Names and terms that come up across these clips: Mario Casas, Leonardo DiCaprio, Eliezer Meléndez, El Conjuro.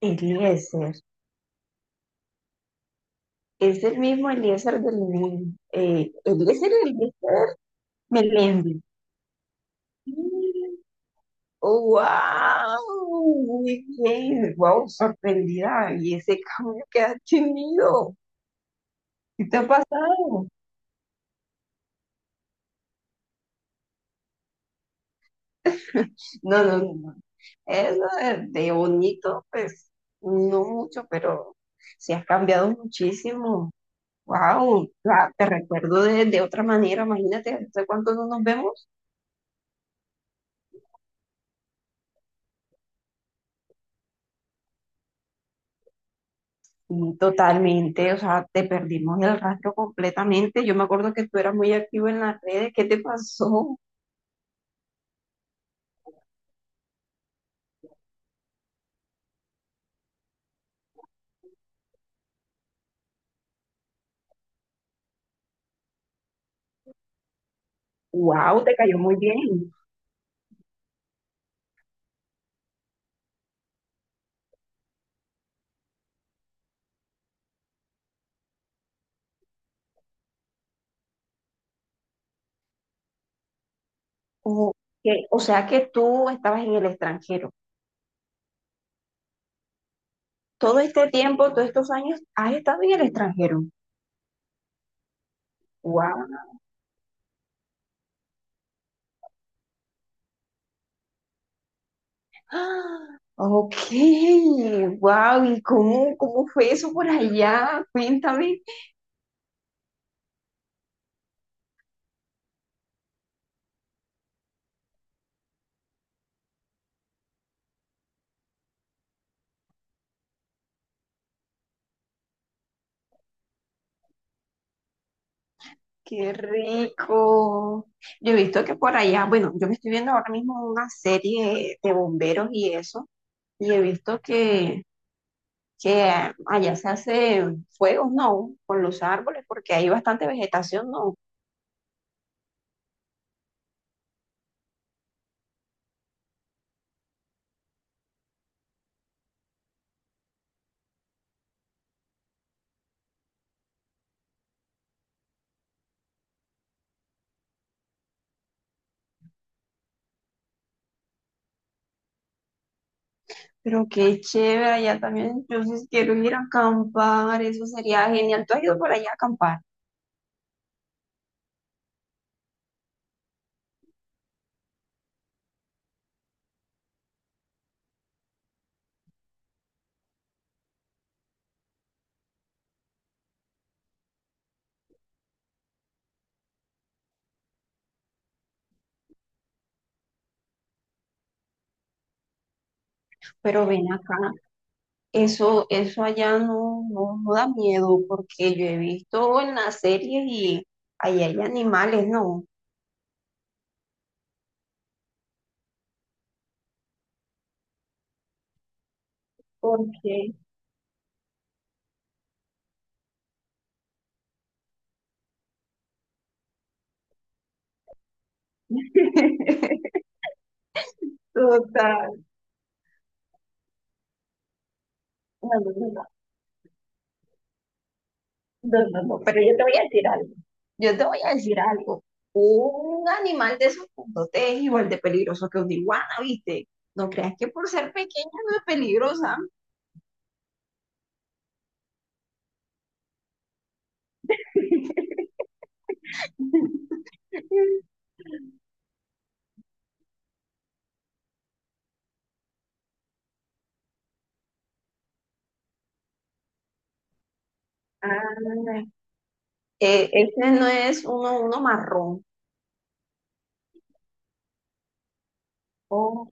Eliezer, es el mismo Eliezer del Eliezer Meléndez. Wow, muy bien, wow, sorprendida. Y ese cambio que has tenido, ¿qué te ha pasado? No, no, no, no. Eso de bonito, pues, no mucho, pero sí has cambiado muchísimo. Wow, te recuerdo de otra manera, imagínate, ¿hace cuánto no nos vemos? Sí, totalmente, o sea, te perdimos el rastro completamente. Yo me acuerdo que tú eras muy activo en las redes. ¿Qué te pasó? ¡Wow! Te cayó muy bien. O, que, o sea que tú estabas en el extranjero. Todo este tiempo, todos estos años, has estado en el extranjero. ¡Wow! Ok, wow, ¿y cómo, cómo fue eso por allá? Cuéntame, qué rico. Yo he visto que por allá, bueno, yo me estoy viendo ahora mismo una serie de bomberos y eso, y he visto que allá se hace fuegos, ¿no? Con los árboles, porque hay bastante vegetación, ¿no? Pero qué chévere, allá también. Yo sí quiero ir a acampar, eso sería genial. ¿Tú has ido por allá a acampar? Pero ven acá, eso allá no, no, no da miedo, porque yo he visto en las series y allá hay animales, ¿no? Porque, total. Bueno, no, no, no, pero yo te voy a decir algo. Yo te voy a decir algo. Un animal de esos puntotes es igual de peligroso que un iguana, ¿viste? No creas que por ser pequeña no es peligrosa. Ah, este no es uno marrón. Oh,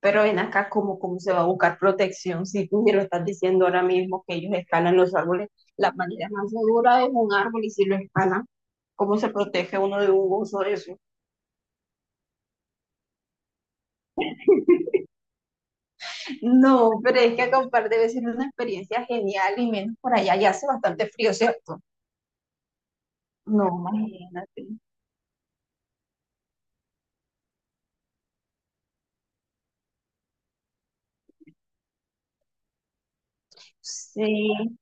pero ven acá, ¿cómo, cómo se va a buscar protección si tú me lo estás diciendo ahora mismo que ellos escalan los árboles? La manera más segura es un árbol y si lo escalan, ¿cómo se protege uno de un oso de eso? No, pero es que acampar debe ser una experiencia genial y menos por allá ya hace bastante frío, ¿cierto? No, imagínate. Sí,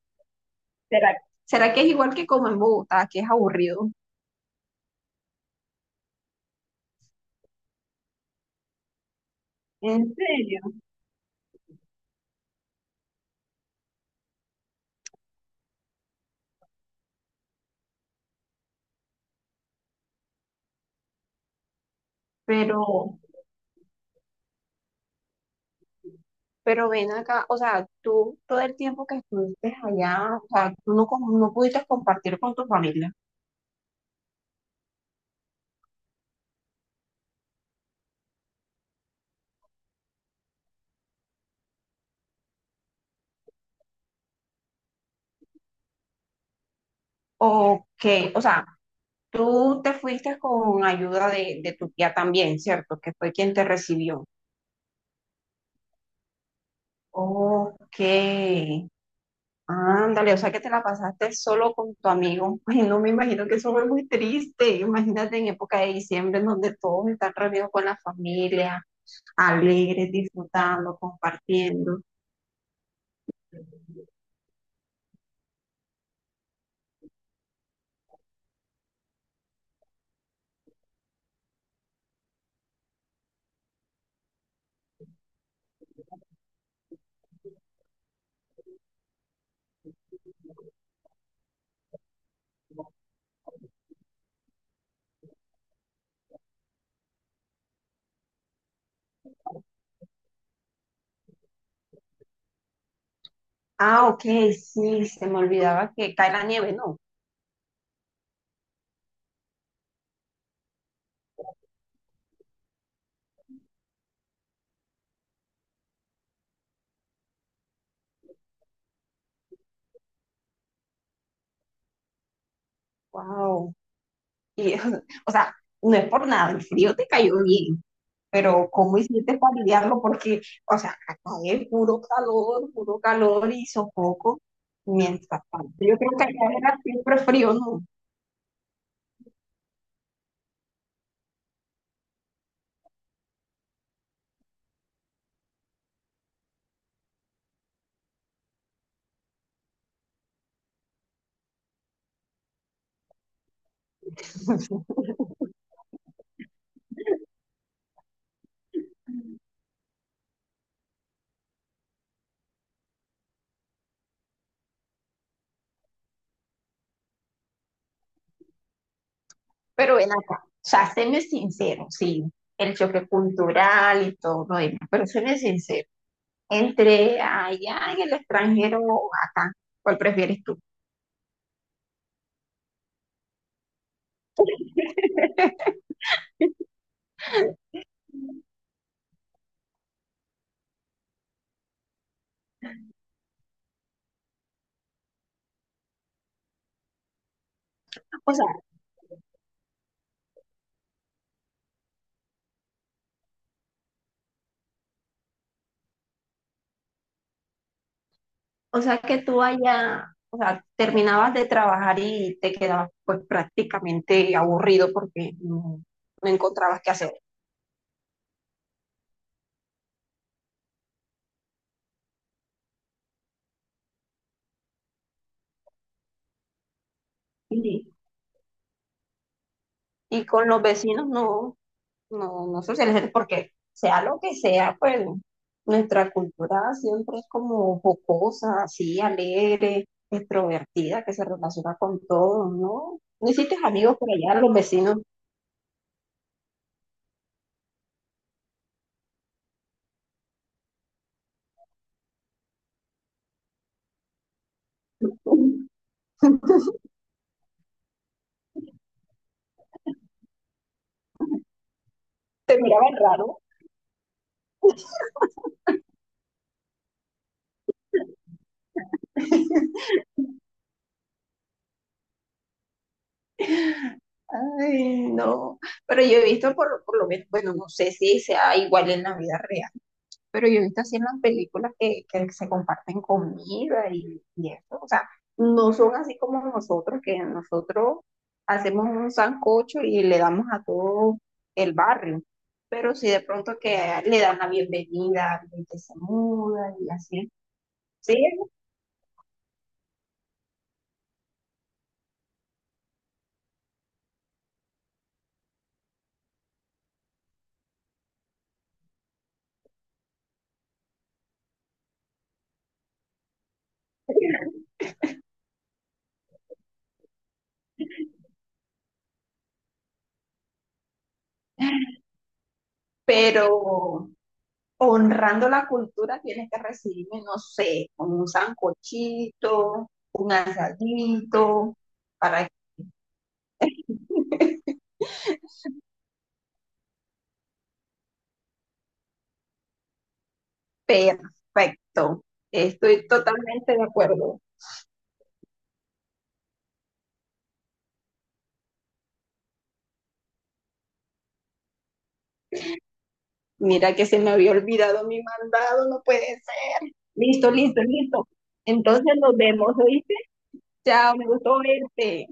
¿será, será que es igual que como en Bogotá, que es aburrido? ¿En serio? pero, pero ven acá, o sea, tú todo el tiempo que estuviste allá, o sea, tú no, com- no pudiste compartir con tu familia. O que, o sea, tú te fuiste con ayuda de tu tía también, ¿cierto? Que fue quien te recibió. Ok. Ándale, o sea que te la pasaste solo con tu amigo. Ay, no me imagino que eso fue muy triste. Imagínate en época de diciembre en donde todos están reunidos con la familia, alegres, disfrutando, compartiendo. Ah, ok, sí, se me olvidaba que cae la nieve, no. Wow. Y, o sea, no es por nada, el frío te cayó bien, pero ¿cómo hiciste para lidiarlo? Porque, o sea, acá es puro calor y sofoco, mientras tanto. Yo creo que allá era siempre frío, ¿no? Pero ven acá, o sea, séme sincero, sí, el choque cultural y todo lo demás, pero séme sincero, entre allá en el extranjero o acá, ¿cuál prefieres tú? O sea, o sea que tú allá, o sea, terminabas de trabajar y te quedabas pues prácticamente aburrido porque no, no encontrabas qué hacer. Y, y con los vecinos no, no, no socializar, porque sea lo que sea, pues nuestra cultura siempre es como jocosa, así, alegre, extrovertida, que se relaciona con todo, ¿no? No hiciste amigos por allá, los vecinos te miraban raro. Ay, no, pero yo he visto por lo menos, bueno, no sé si sea igual en la vida real, pero yo he visto así en las películas que se comparten comida y eso, o sea, no son así como nosotros, que nosotros hacemos un sancocho y le damos a todo el barrio, pero si de pronto que le dan la bienvenida a alguien que se muda y así, sí, pero honrando la cultura tienes que recibirme, no sé, con un sancochito, un asadito, para perfecto, estoy totalmente de acuerdo. Mira que se me había olvidado mi mandado, no puede ser. Listo, listo, listo. Entonces nos vemos, ¿oíste? Chao, me gustó verte.